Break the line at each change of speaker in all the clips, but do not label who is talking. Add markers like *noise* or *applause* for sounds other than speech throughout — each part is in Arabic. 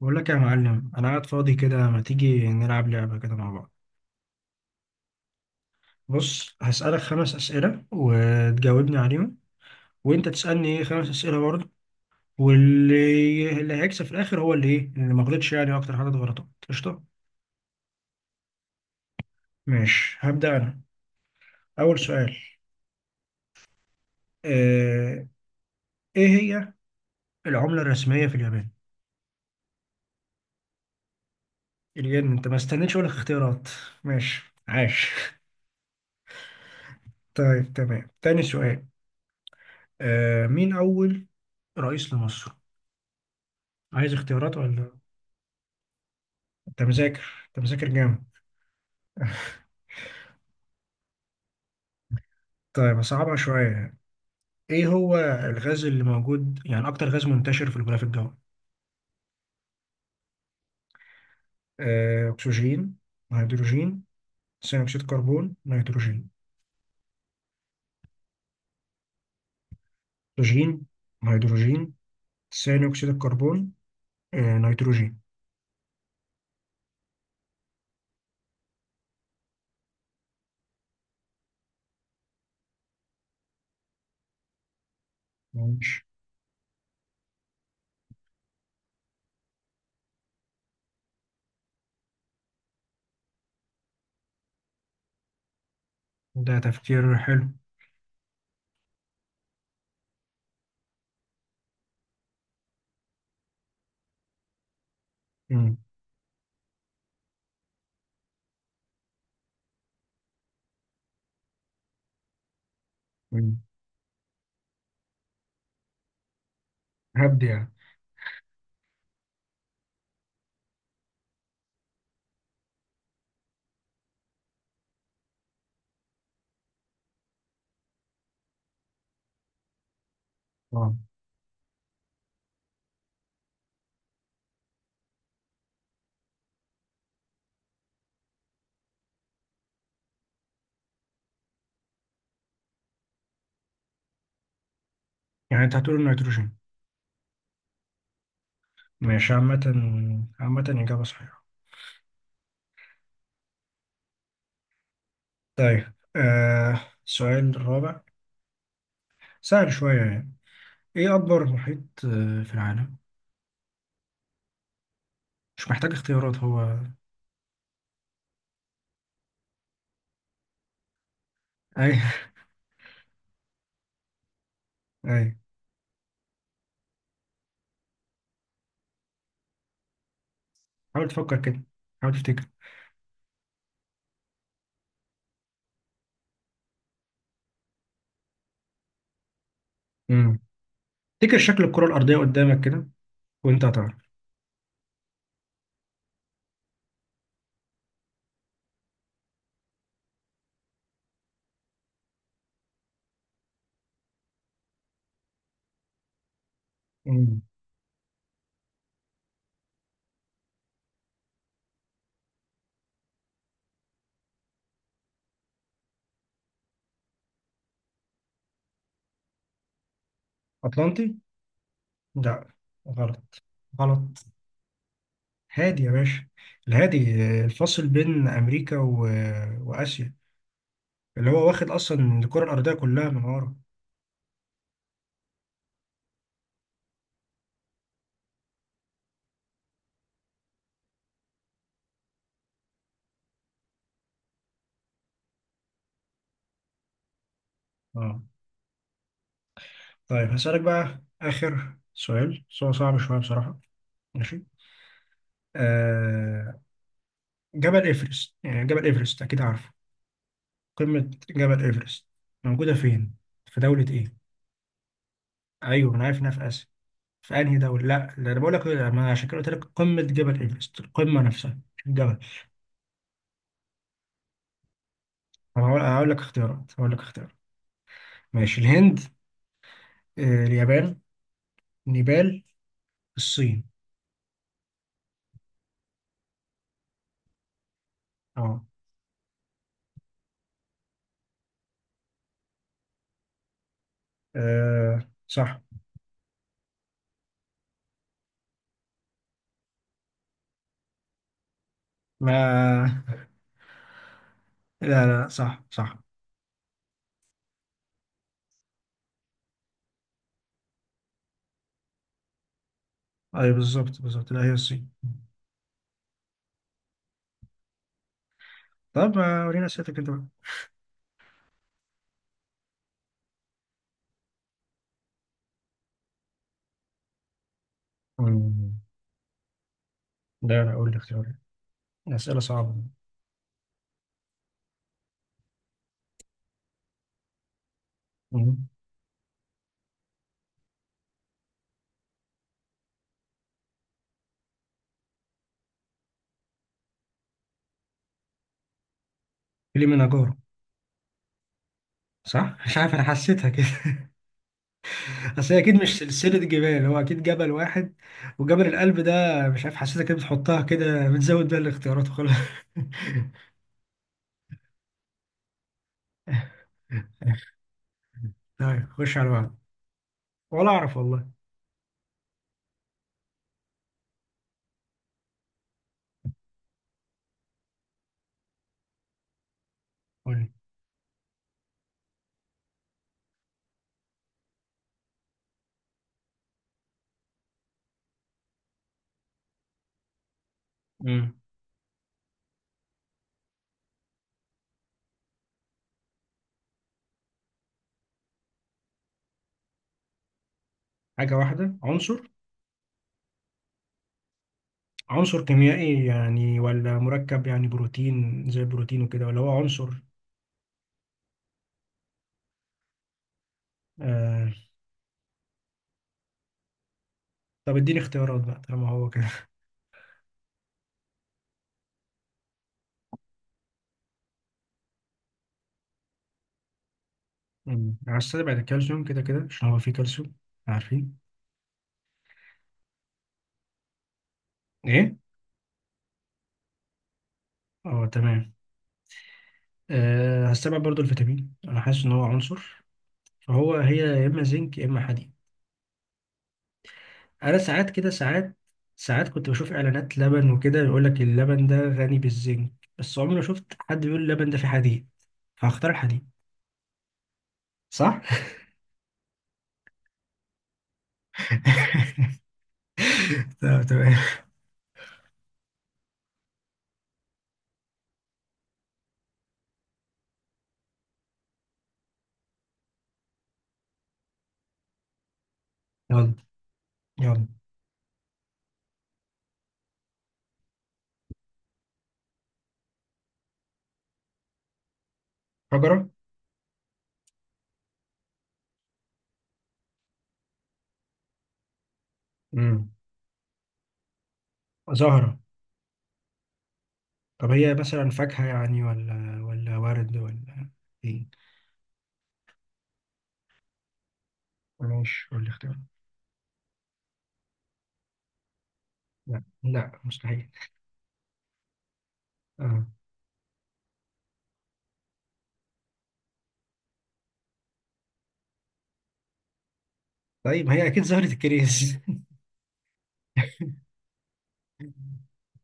بقول لك يا معلم، انا قاعد فاضي كده. ما تيجي نلعب لعبة كده مع بعض؟ بص، هسألك خمس أسئلة وتجاوبني عليهم، وانت تسألني ايه خمس أسئلة برضه. واللي هيكسب في الاخر هو اللي ايه، اللي ما غلطش يعني اكتر حاجة غلطات. قشطة، ماشي، هبدأ انا. اول سؤال. آه، ايه هي العملة الرسمية في اليابان؟ الين. انت ما استنيتش اقول لك اختيارات. ماشي، عاش. *laughs* طيب تمام، تاني سؤال. مين اول رئيس لمصر؟ عايز اختيارات ولا؟ انت مذاكر، انت مذاكر جامد. *laughs* طيب، صعبة شوية. ايه هو الغاز اللي موجود يعني اكتر غاز منتشر في الغلاف الجوي؟ اكسجين، هيدروجين، ثاني اكسيد الكربون، نيتروجين. اكسجين، هيدروجين، ثاني اكسيد الكربون، نيتروجين. ماشي. ده تفكير حلو. مم. مم. يعني. اه، يعني انت هتقول نيتروجين؟ ماشي، عامة. عامة، إجابة صحيحة. طيب، السؤال الرابع، سهل شوية يعني. ايه اكبر محيط في العالم؟ مش محتاج اختيارات هو. *laughs* اي. اي. حاول تفكر كده، حاول تفتكر. امم تفتكر شكل الكرة الأرضية قدامك كده وانت هتعرف. امم أطلنطي؟ لا، غلط، غلط. هادي يا باشا، الهادي. الفاصل بين أمريكا و... آه، وآسيا، اللي هو واخد أصلا الكرة الأرضية كلها من ورا. اه، طيب هسألك بقى آخر سؤال، سؤال صعب شوية بصراحة. ماشي. آه... جبل إيفرست، يعني جبل إيفرست أكيد عارفه. قمة جبل إيفرست موجودة فين؟ في دولة إيه؟ أيوه أنا عارف إنها في آسيا، في أنهي دولة؟ لأ، ده أنا بقول لك، لا، ما أنا عشان كده قلت لك قمة جبل إيفرست، القمة نفسها مش الجبل. طب هقول لك اختيارات. ماشي، الهند، اليابان، نيبال، الصين. أه. صح. ما، لا لا، صح صح. أيوه، بالظبط بالظبط، لا هي الصين. طب ما ورينا أسئلتك أنت بقى. مم. لا لا، قول لي اختيارات، أسئلة صعبة. مم. كليمنجارو. صح. مش عارف، انا حسيتها كده. *laughs* اصل هي اكيد مش سلسله جبال، هو اكيد جبل واحد. وجبل القلب ده مش عارف، حسيتها كده، بتحطها كده بتزود بقى الاختيارات وخلاص. *laughs* طيب خش على بعض. ولا اعرف والله. قول لي. مم. حاجه واحده، عنصر. عنصر كيميائي يعني، ولا مركب يعني بروتين زي البروتين وكده، ولا هو عنصر؟ آه... طب اديني اختيارات بقى طالما هو كده. مم. هستبعد الكالسيوم كده كده، عشان هو فيه كالسيوم، عارفين. ايه؟ اه تمام. أه، هستبعد برضو الفيتامين، انا حاسس ان هو عنصر. فهو هي يا اما زنك يا اما حديد. انا ساعات كده، ساعات كنت بشوف اعلانات لبن وكده يقول لك اللبن ده غني بالزنك، بس عمري ما شفت حد بيقول اللبن ده فيه حديد. فهختار الحديد. صح. *laughs* طب تمام. يلا، يلا. شجرة؟ امم زهرة. طب هي مثلا فاكهة يعني، ولا ورد ولا ايه؟ ماشي، قول لي اختيار. لا لا، مستحيل. اه. طيب ما هي اكيد زهرة الكريز.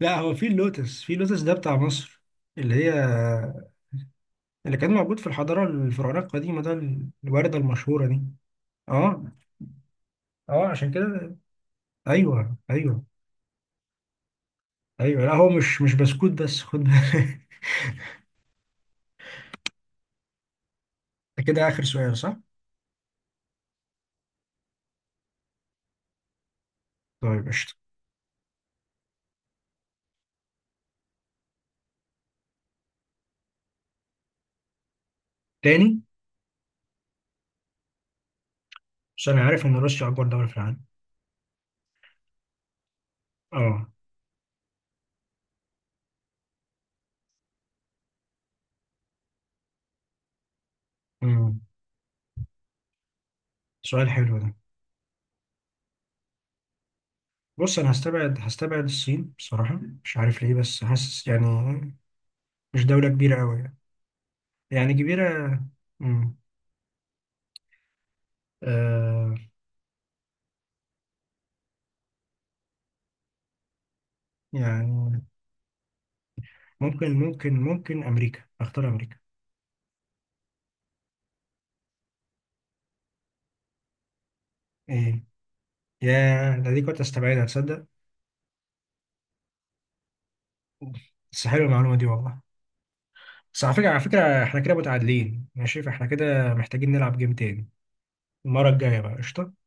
لا هو في اللوتس، ده بتاع مصر، اللي هي اللي كان موجود في الحضارة الفرعونية القديمة ده، الوردة المشهورة دي. اه. اه، عشان كده ايوه ايوه. ايوه، لا هو مش بسكوت بس، خد بالك. *laughs* ده كده اخر سؤال صح؟ طيب قشطة. تاني؟ بس انا عارف ان روسيا اكبر دولة في العالم. اه. امم. سؤال حلو ده. بص، انا هستبعد الصين بصراحة، مش عارف ليه بس حاسس يعني مش دولة كبيرة قوي يعني. يعني كبيرة. امم. آه، يعني، ممكن امريكا. اختار امريكا. ايه؟ يا ده، دي كنت استبعدها تصدق. بس حلوه المعلومه دي والله. بس على فكره، على فكره احنا كده متعادلين، ماشي، فاحنا كده محتاجين نلعب جيم تاني المره الجايه بقى. قشطه.